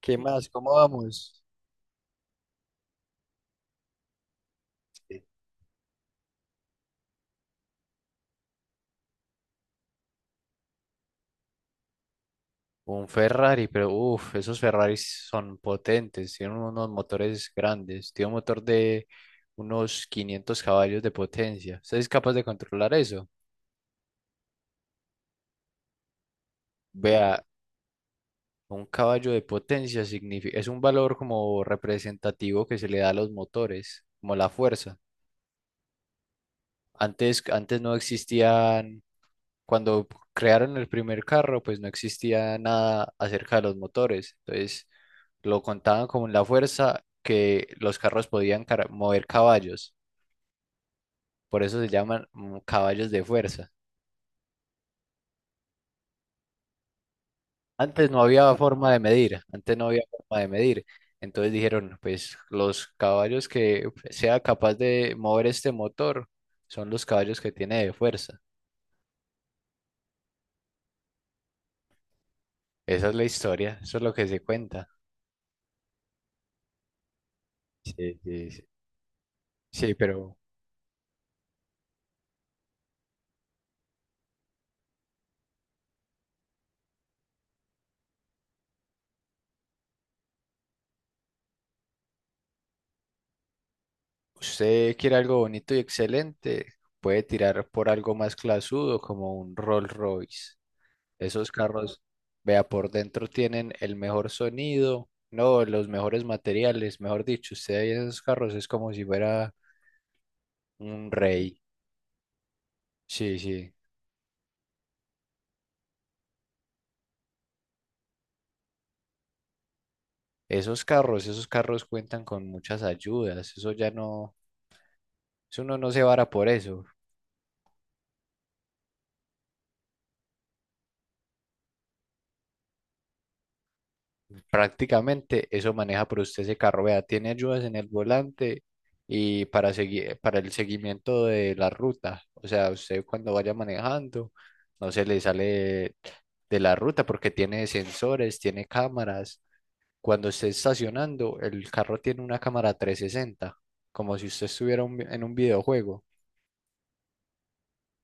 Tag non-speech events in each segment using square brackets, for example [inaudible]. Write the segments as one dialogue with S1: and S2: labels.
S1: ¿Qué más? ¿Cómo vamos? Sí. Un Ferrari, pero uff, esos Ferraris son potentes, tienen unos motores grandes, tiene un motor de unos 500 caballos de potencia. ¿Usted es capaz de controlar eso? Vea, un caballo de potencia significa, es un valor como representativo que se le da a los motores, como la fuerza. Antes no existían. Cuando crearon el primer carro, pues no existía nada acerca de los motores. Entonces lo contaban como la fuerza que los carros podían mover caballos. Por eso se llaman caballos de fuerza. Antes no había forma de medir. Entonces dijeron, pues los caballos que sea capaz de mover este motor son los caballos que tiene de fuerza. Esa es la historia, eso es lo que se cuenta. Sí, sí, sí. Sí, pero usted quiere algo bonito y excelente, puede tirar por algo más clasudo como un Rolls Royce. Esos carros, vea, por dentro tienen el mejor sonido, no, los mejores materiales, mejor dicho, usted ahí en esos carros es como si fuera un rey. Sí, sí. Esos carros cuentan con muchas ayudas, eso ya no, eso uno no se vara por eso. Prácticamente eso maneja por usted ese carro. Vea, tiene ayudas en el volante y para el seguimiento de la ruta. O sea, usted cuando vaya manejando no se le sale de la ruta porque tiene sensores, tiene cámaras. Cuando esté estacionando, el carro tiene una cámara 360, como si usted estuviera en un videojuego.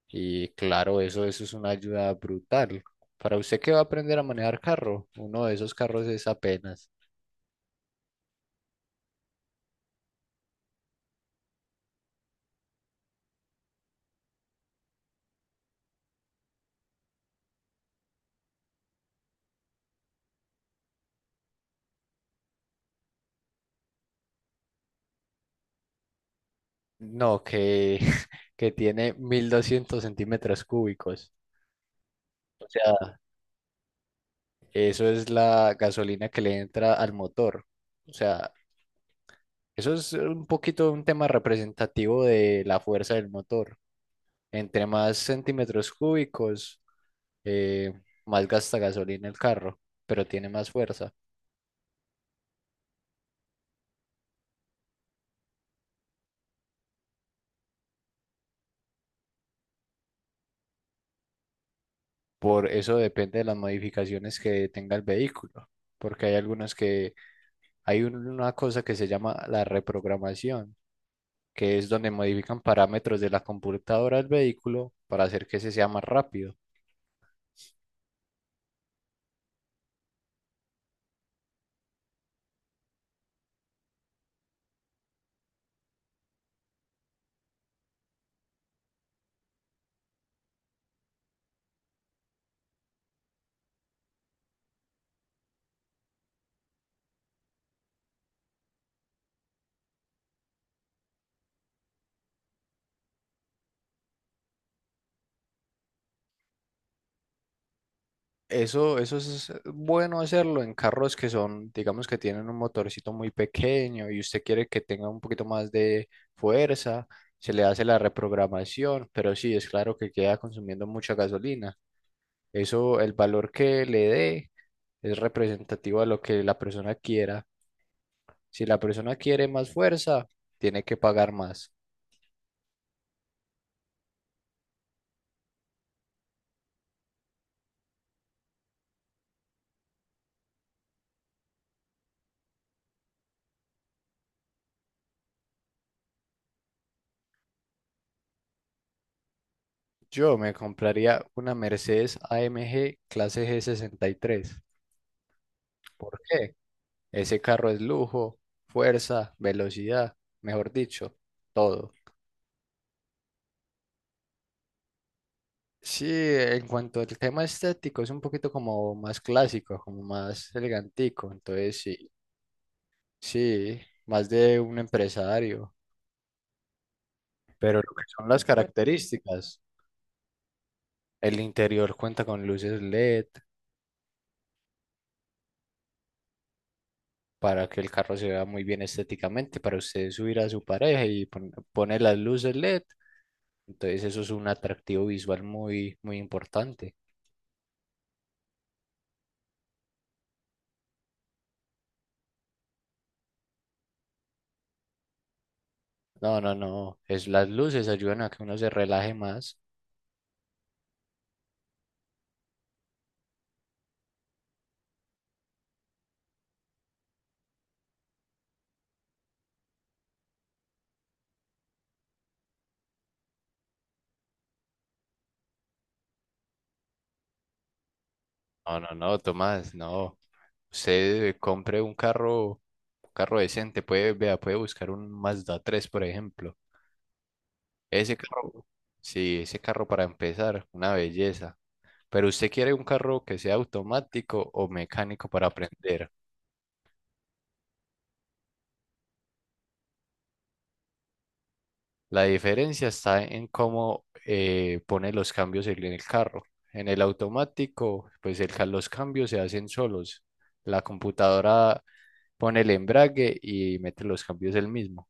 S1: Y claro, eso es una ayuda brutal. Para usted que va a aprender a manejar carro, uno de esos carros es apenas. No, que, [laughs] que tiene 1200 centímetros cúbicos. O sea, eso es la gasolina que le entra al motor. O sea, eso es un poquito un tema representativo de la fuerza del motor. Entre más centímetros cúbicos, eh, más gasta gasolina el carro, pero tiene más fuerza. Por eso depende de las modificaciones que tenga el vehículo. Porque hay algunos que, hay una cosa que se llama la reprogramación, que es donde modifican parámetros de la computadora del vehículo para hacer que ese sea más rápido. Eso es bueno hacerlo en carros que son, digamos que tienen un motorcito muy pequeño y usted quiere que tenga un poquito más de fuerza, se le hace la reprogramación, pero sí, es claro que queda consumiendo mucha gasolina. Eso, el valor que le dé es representativo a lo que la persona quiera. Si la persona quiere más fuerza, tiene que pagar más. Yo me compraría una Mercedes AMG clase G63. ¿Por qué? Ese carro es lujo, fuerza, velocidad, mejor dicho, todo. Sí, en cuanto al tema estético, es un poquito como más clásico, como más elegantico. Entonces, sí, sí, más de un empresario. Pero lo que son las características, el interior cuenta con luces LED, para que el carro se vea muy bien estéticamente, para usted subir a su pareja y pone las luces LED. Entonces eso es un atractivo visual muy importante. No, no, no, es las luces ayudan a que uno se relaje más. No, no, no, Tomás, no. Usted compre un carro decente, puede, vea, puede buscar un Mazda tres por ejemplo. Ese carro, sí, ese carro para empezar, una belleza. Pero usted quiere un carro que sea automático o mecánico para aprender. La diferencia está en cómo pone los cambios en el carro. En el automático, pues los cambios se hacen solos. La computadora pone el embrague y mete los cambios él mismo.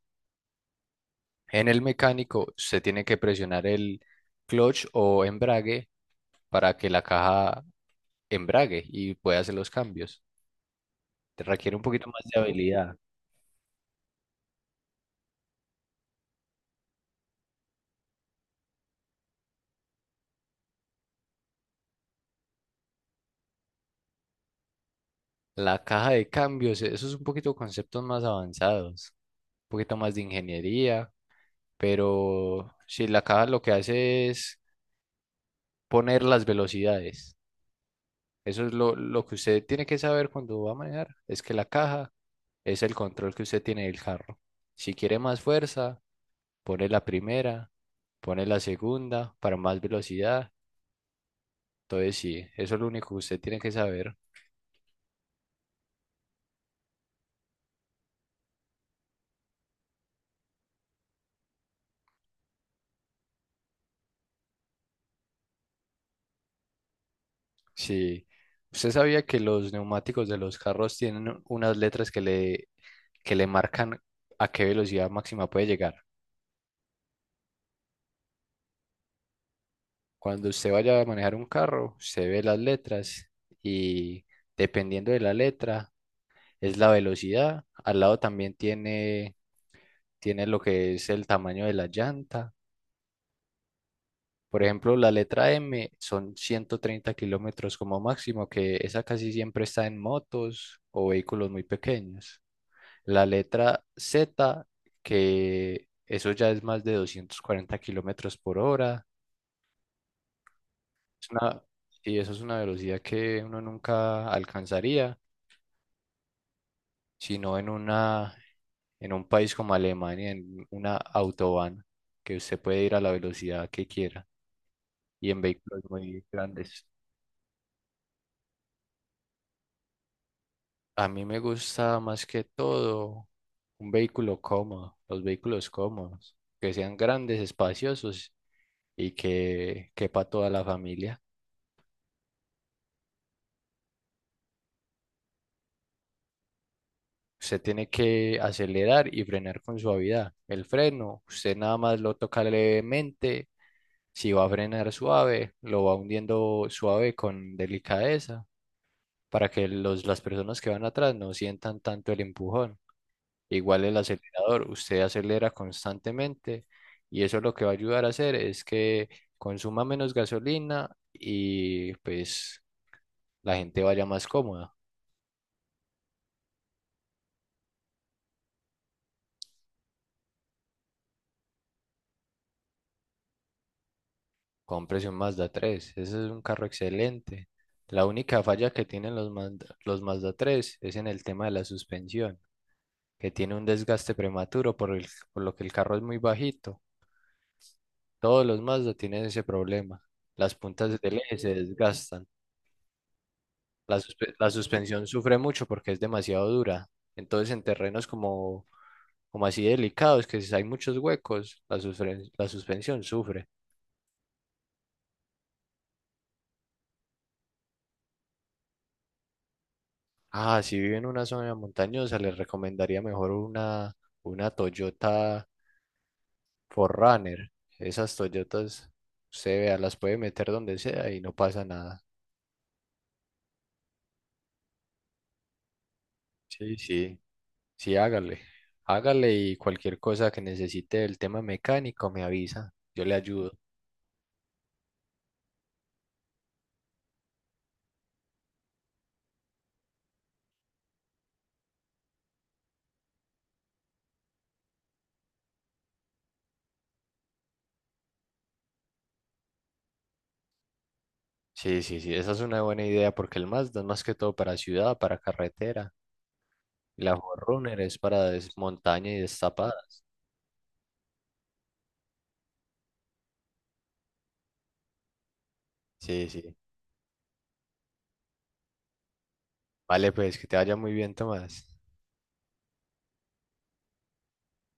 S1: En el mecánico, se tiene que presionar el clutch o embrague para que la caja embrague y pueda hacer los cambios. Te requiere un poquito más de habilidad. La caja de cambios, eso es un poquito conceptos más avanzados, un poquito más de ingeniería, pero si la caja lo que hace es poner las velocidades. Eso es lo que usted tiene que saber cuando va a manejar, es que la caja es el control que usted tiene del carro. Si quiere más fuerza, pone la primera, pone la segunda para más velocidad. Entonces sí, eso es lo único que usted tiene que saber. Si usted sabía que los neumáticos de los carros tienen unas letras que le marcan a qué velocidad máxima puede llegar. Cuando usted vaya a manejar un carro, usted ve las letras y dependiendo de la letra es la velocidad. Al lado también tiene lo que es el tamaño de la llanta. Por ejemplo, la letra M son 130 kilómetros como máximo, que esa casi siempre está en motos o vehículos muy pequeños. La letra Z, que eso ya es más de 240 kilómetros por hora. Es una, sí, eso es una velocidad que uno nunca alcanzaría, sino en un país como Alemania, en una autobahn, que usted puede ir a la velocidad que quiera y en vehículos muy grandes. A mí me gusta más que todo un vehículo cómodo, los vehículos cómodos, que sean grandes, espaciosos y que quepa toda la familia. Usted tiene que acelerar y frenar con suavidad. El freno, usted nada más lo toca levemente. Si va a frenar suave, lo va hundiendo suave con delicadeza para que las personas que van atrás no sientan tanto el empujón. Igual el acelerador, usted acelera constantemente y eso lo que va a ayudar a hacer es que consuma menos gasolina y pues la gente vaya más cómoda. Cómprese un Mazda 3, ese es un carro excelente. La única falla que tienen los Mazda 3 es en el tema de la suspensión, que tiene un desgaste prematuro por lo que el carro es muy bajito. Todos los Mazda tienen ese problema. Las puntas del eje se desgastan. La suspensión sufre mucho porque es demasiado dura. Entonces, en como así delicados, que si hay muchos huecos, la suspensión sufre. Ah, si vive en una zona montañosa, les recomendaría una Toyota 4Runner. Esas Toyotas, usted vea, las puede meter donde sea y no pasa nada. Sí, sí. Sí, hágale. Hágale y cualquier cosa que necesite del tema mecánico me avisa. Yo le ayudo. Sí, sí, sí, esa es una buena idea porque el Mazda es más que todo para ciudad, para carretera. Y la Forerunner es para montaña y destapadas. Sí, sí. Vale, pues que te vaya muy bien, Tomás.